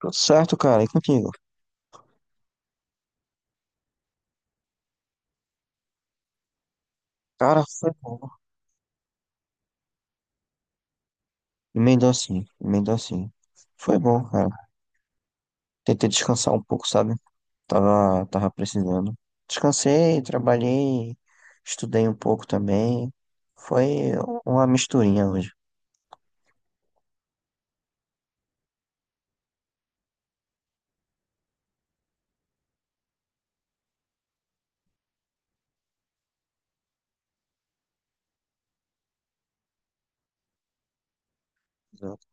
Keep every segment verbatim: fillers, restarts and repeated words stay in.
Tudo certo, cara. E contigo? Cara, foi bom. Emendou assim, emendou assim. Foi bom, cara. Tentei descansar um pouco, sabe? Tava, tava precisando. Descansei, trabalhei, estudei um pouco também. Foi uma misturinha hoje. Exato.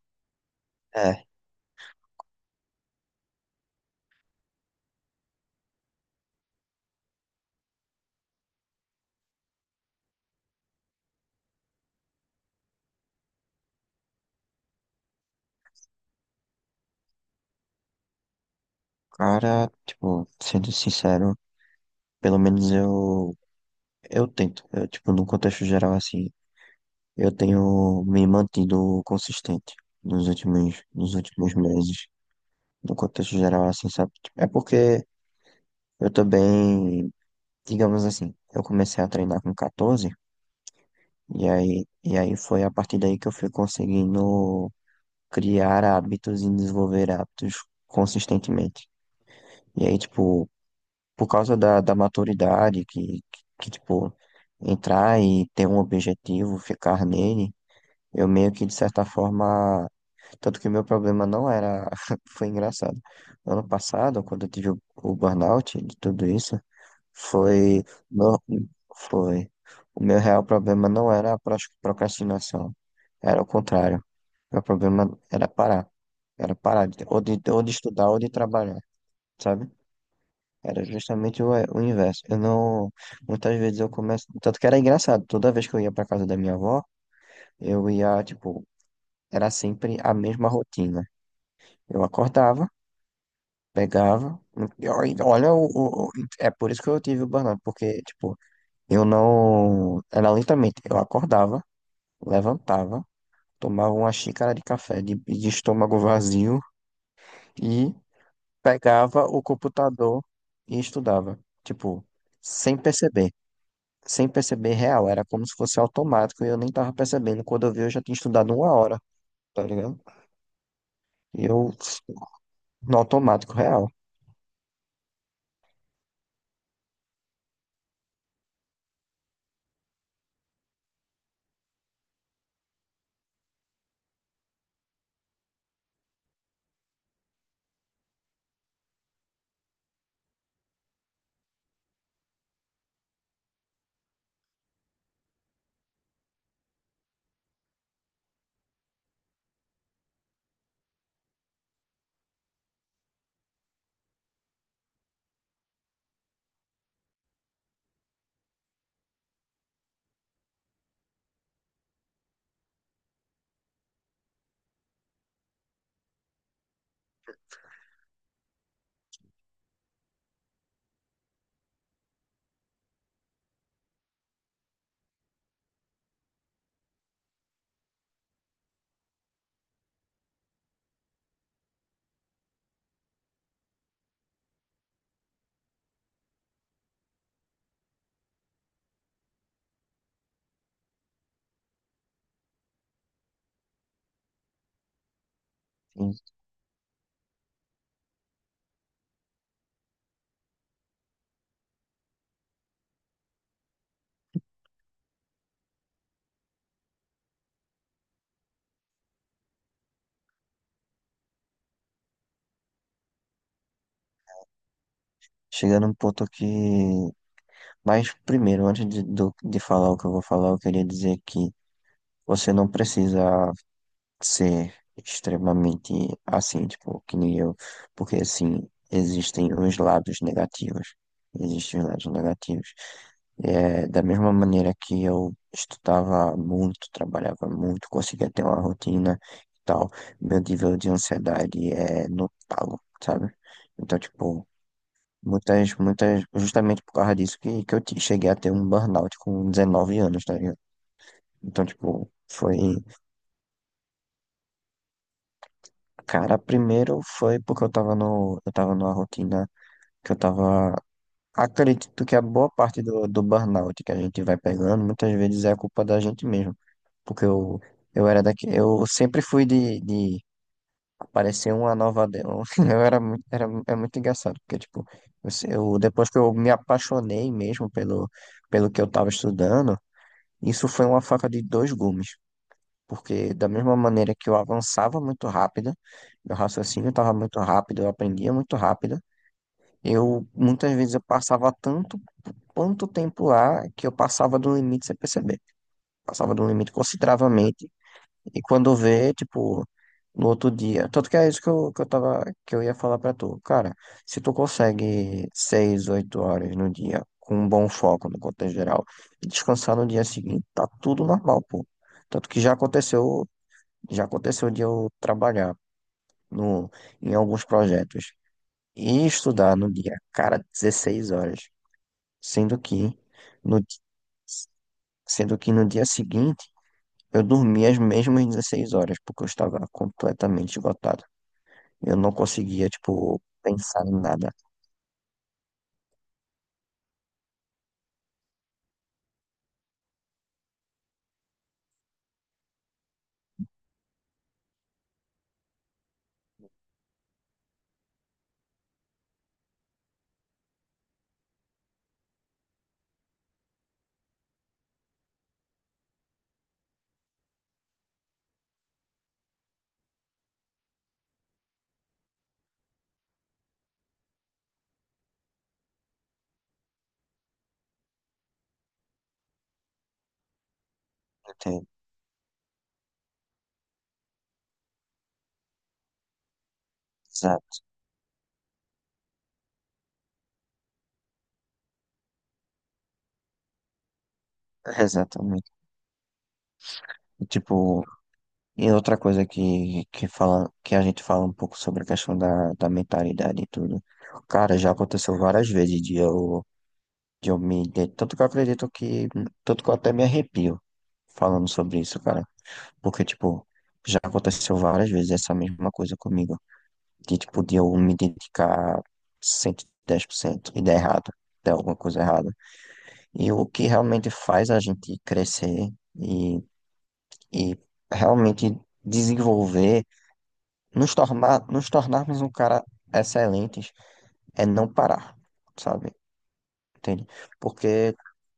É, cara, tipo, sendo sincero, pelo menos eu, eu tento. Eu, tipo, no contexto geral, assim, eu tenho me mantido consistente nos últimos, nos últimos meses. No contexto geral, assim, sabe? Tipo, é porque eu também, digamos assim, eu comecei a treinar com quatorze, e aí, e aí foi a partir daí que eu fui conseguindo criar hábitos e desenvolver hábitos consistentemente. E aí, tipo, por causa da, da maturidade, que, que, que, tipo, entrar e ter um objetivo, ficar nele, eu meio que, de certa forma, tanto que o meu problema não era, foi engraçado. Ano passado, quando eu tive o, o burnout de tudo isso, Foi, no- foi. O meu real problema não era a pros- procrastinação, era o contrário. Meu problema era parar. Era parar de, ou de, ou de estudar ou de trabalhar, sabe? Era justamente o, o inverso. Eu não. Muitas vezes eu começo. Tanto que era engraçado. Toda vez que eu ia pra casa da minha avó, eu ia, tipo, era sempre a mesma rotina. Eu acordava, pegava. E olha, o, o- o- é por isso que eu tive o burnout, porque, tipo, eu não. Era lentamente. Eu acordava, levantava, tomava uma xícara de café de, de estômago vazio e pegava o computador e estudava. Tipo, sem perceber. Sem perceber real. Era como se fosse automático e eu nem tava percebendo. Quando eu vi, eu já tinha estudado uma hora, tá ligado? E eu, no automático real. E chegando num ponto que. Mas primeiro, antes de, do- de falar o que eu vou falar, eu queria dizer que você não precisa. Ser extremamente assim, tipo, que nem eu, porque assim, existem os lados negativos, existem os lados negativos. É, da mesma maneira que eu estudava muito, trabalhava muito, conseguia ter uma rotina e tal, meu nível de ansiedade é notável, sabe? Então, tipo, muitas, muitas, justamente por causa disso que, que eu te- cheguei a ter um burnout com dezenove anos, tá ligado? Então, tipo, foi. Cara, primeiro foi porque eu tava no, eu tava numa rotina que eu tava. Acredito que a boa parte do, do burnout que a gente vai pegando, muitas vezes é a culpa da gente mesmo. Porque eu, eu era daqui, eu sempre fui de, de aparecer uma nova. de- Eu era, muito- era, é muito engraçado, porque, tipo, eu, se- eu- depois que eu me apaixonei mesmo pelo, pelo que eu tava estudando, isso foi uma faca de dois gumes. Porque da mesma maneira que eu avançava muito rápido, meu raciocínio estava muito rápido, eu aprendia muito rápido, eu muitas vezes eu passava tanto quanto tempo lá que eu passava do limite sem perceber. Passava do limite consideravelmente e quando vê, tipo, no outro dia, tanto que é isso que eu, que eu tava, que eu ia falar pra tu. Cara, se tu consegue seis, oito horas no dia com um bom foco no contexto geral e descansar no dia seguinte, tá tudo normal, pô. Tanto que já aconteceu já aconteceu de eu trabalhar no, em alguns projetos e estudar no dia, cara, dezesseis horas, sendo que no, di- sendo que no dia seguinte eu dormi as mesmas dezesseis horas, porque eu estava completamente esgotado. Eu não conseguia, tipo, pensar em nada. Entende? Exato, exatamente. E, tipo, e outra coisa que, que fala, que a gente fala um pouco sobre a questão da, da mentalidade e tudo. Cara, já aconteceu várias vezes de eu de eu me ident- tanto que eu acredito que, tanto que eu até me arrepio falando sobre isso, cara, porque, tipo, já aconteceu várias vezes essa mesma coisa comigo, de, tipo, de eu me dedicar cento e dez por cento e dar errado, dar alguma coisa errada, e o que realmente faz a gente crescer e, e realmente desenvolver, nos tornar, nos tornarmos um cara excelentes, é não parar, sabe? Entende? Porque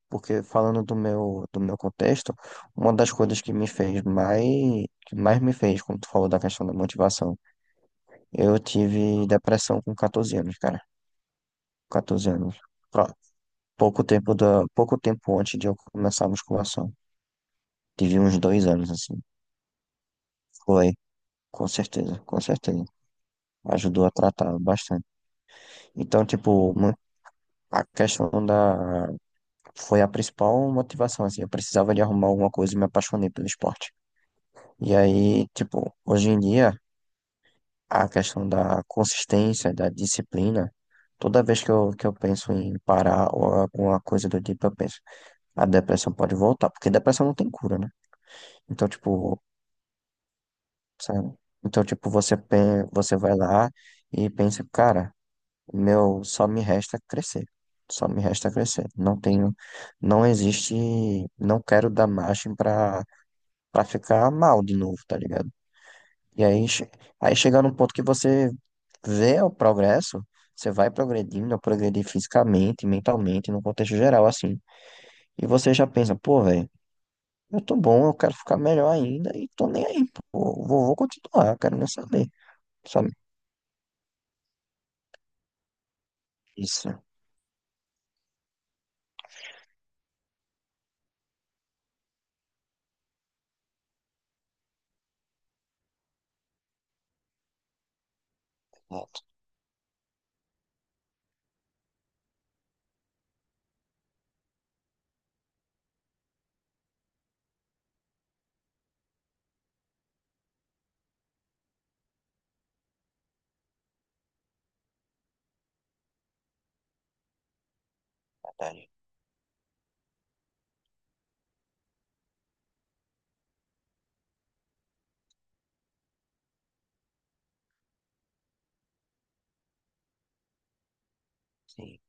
Porque falando do meu, do meu contexto, uma das coisas que me fez mais, que mais me fez, quando tu falou da questão da motivação, eu tive depressão com quatorze anos, cara. quatorze anos. Pró- Pouco tempo da, pouco tempo antes de eu começar a musculação. Tive uns dois anos, assim. Foi, com certeza, com certeza. Ajudou a tratar bastante. Então, tipo, mu- a questão da, foi a principal motivação, assim. Eu precisava de arrumar alguma coisa e me apaixonei pelo esporte. E aí, tipo, hoje em dia a questão da consistência, da disciplina. Toda vez que eu, que eu penso em parar ou alguma coisa do tipo, eu penso, a depressão pode voltar, porque depressão não tem cura, né? Então, tipo, sabe? Então, tipo, você, pe- você vai lá e pensa, cara, meu, só me resta crescer. Só me resta crescer. Não tenho, não existe, não quero dar margem pra, pra ficar mal de novo, tá ligado? E aí, che- aí chega num ponto que você vê o progresso, você vai progredindo, eu progredi fisicamente, mentalmente, no contexto geral, assim. E você já pensa, pô, velho, eu tô bom, eu quero ficar melhor ainda e tô nem aí, pô, vou, vou continuar, eu quero nem saber, sabe? Isso, exato, verdade. Sim,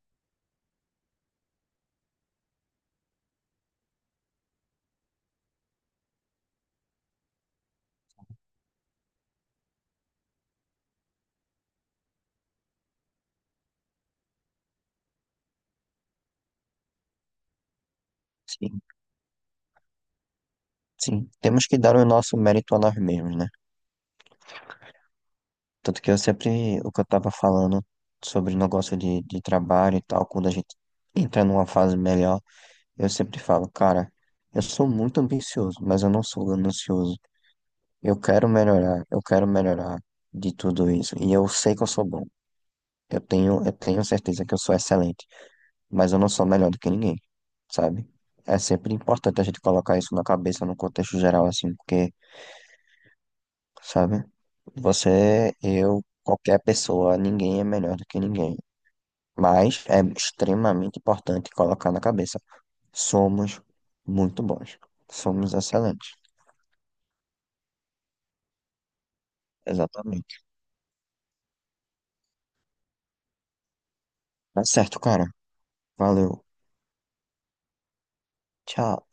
sim, sim. Temos que dar o nosso mérito a nós mesmos, né? Tanto que eu sempre, o que eu tava falando sobre o negócio de, de trabalho e tal, quando a gente entra numa fase melhor. Eu sempre falo, cara, eu sou muito ambicioso, mas eu não sou ganancioso. Eu quero melhorar, eu quero melhorar de tudo isso. E eu sei que eu sou bom. Eu tenho, eu tenho certeza que eu sou excelente, mas eu não sou melhor do que ninguém, sabe? É sempre importante a gente colocar isso na cabeça, no contexto geral, assim, porque, sabe? Você, eu, qualquer pessoa, ninguém é melhor do que ninguém. Mas é extremamente importante colocar na cabeça. Somos muito bons. Somos excelentes. Exatamente. Tá certo, cara. Valeu. Tchau.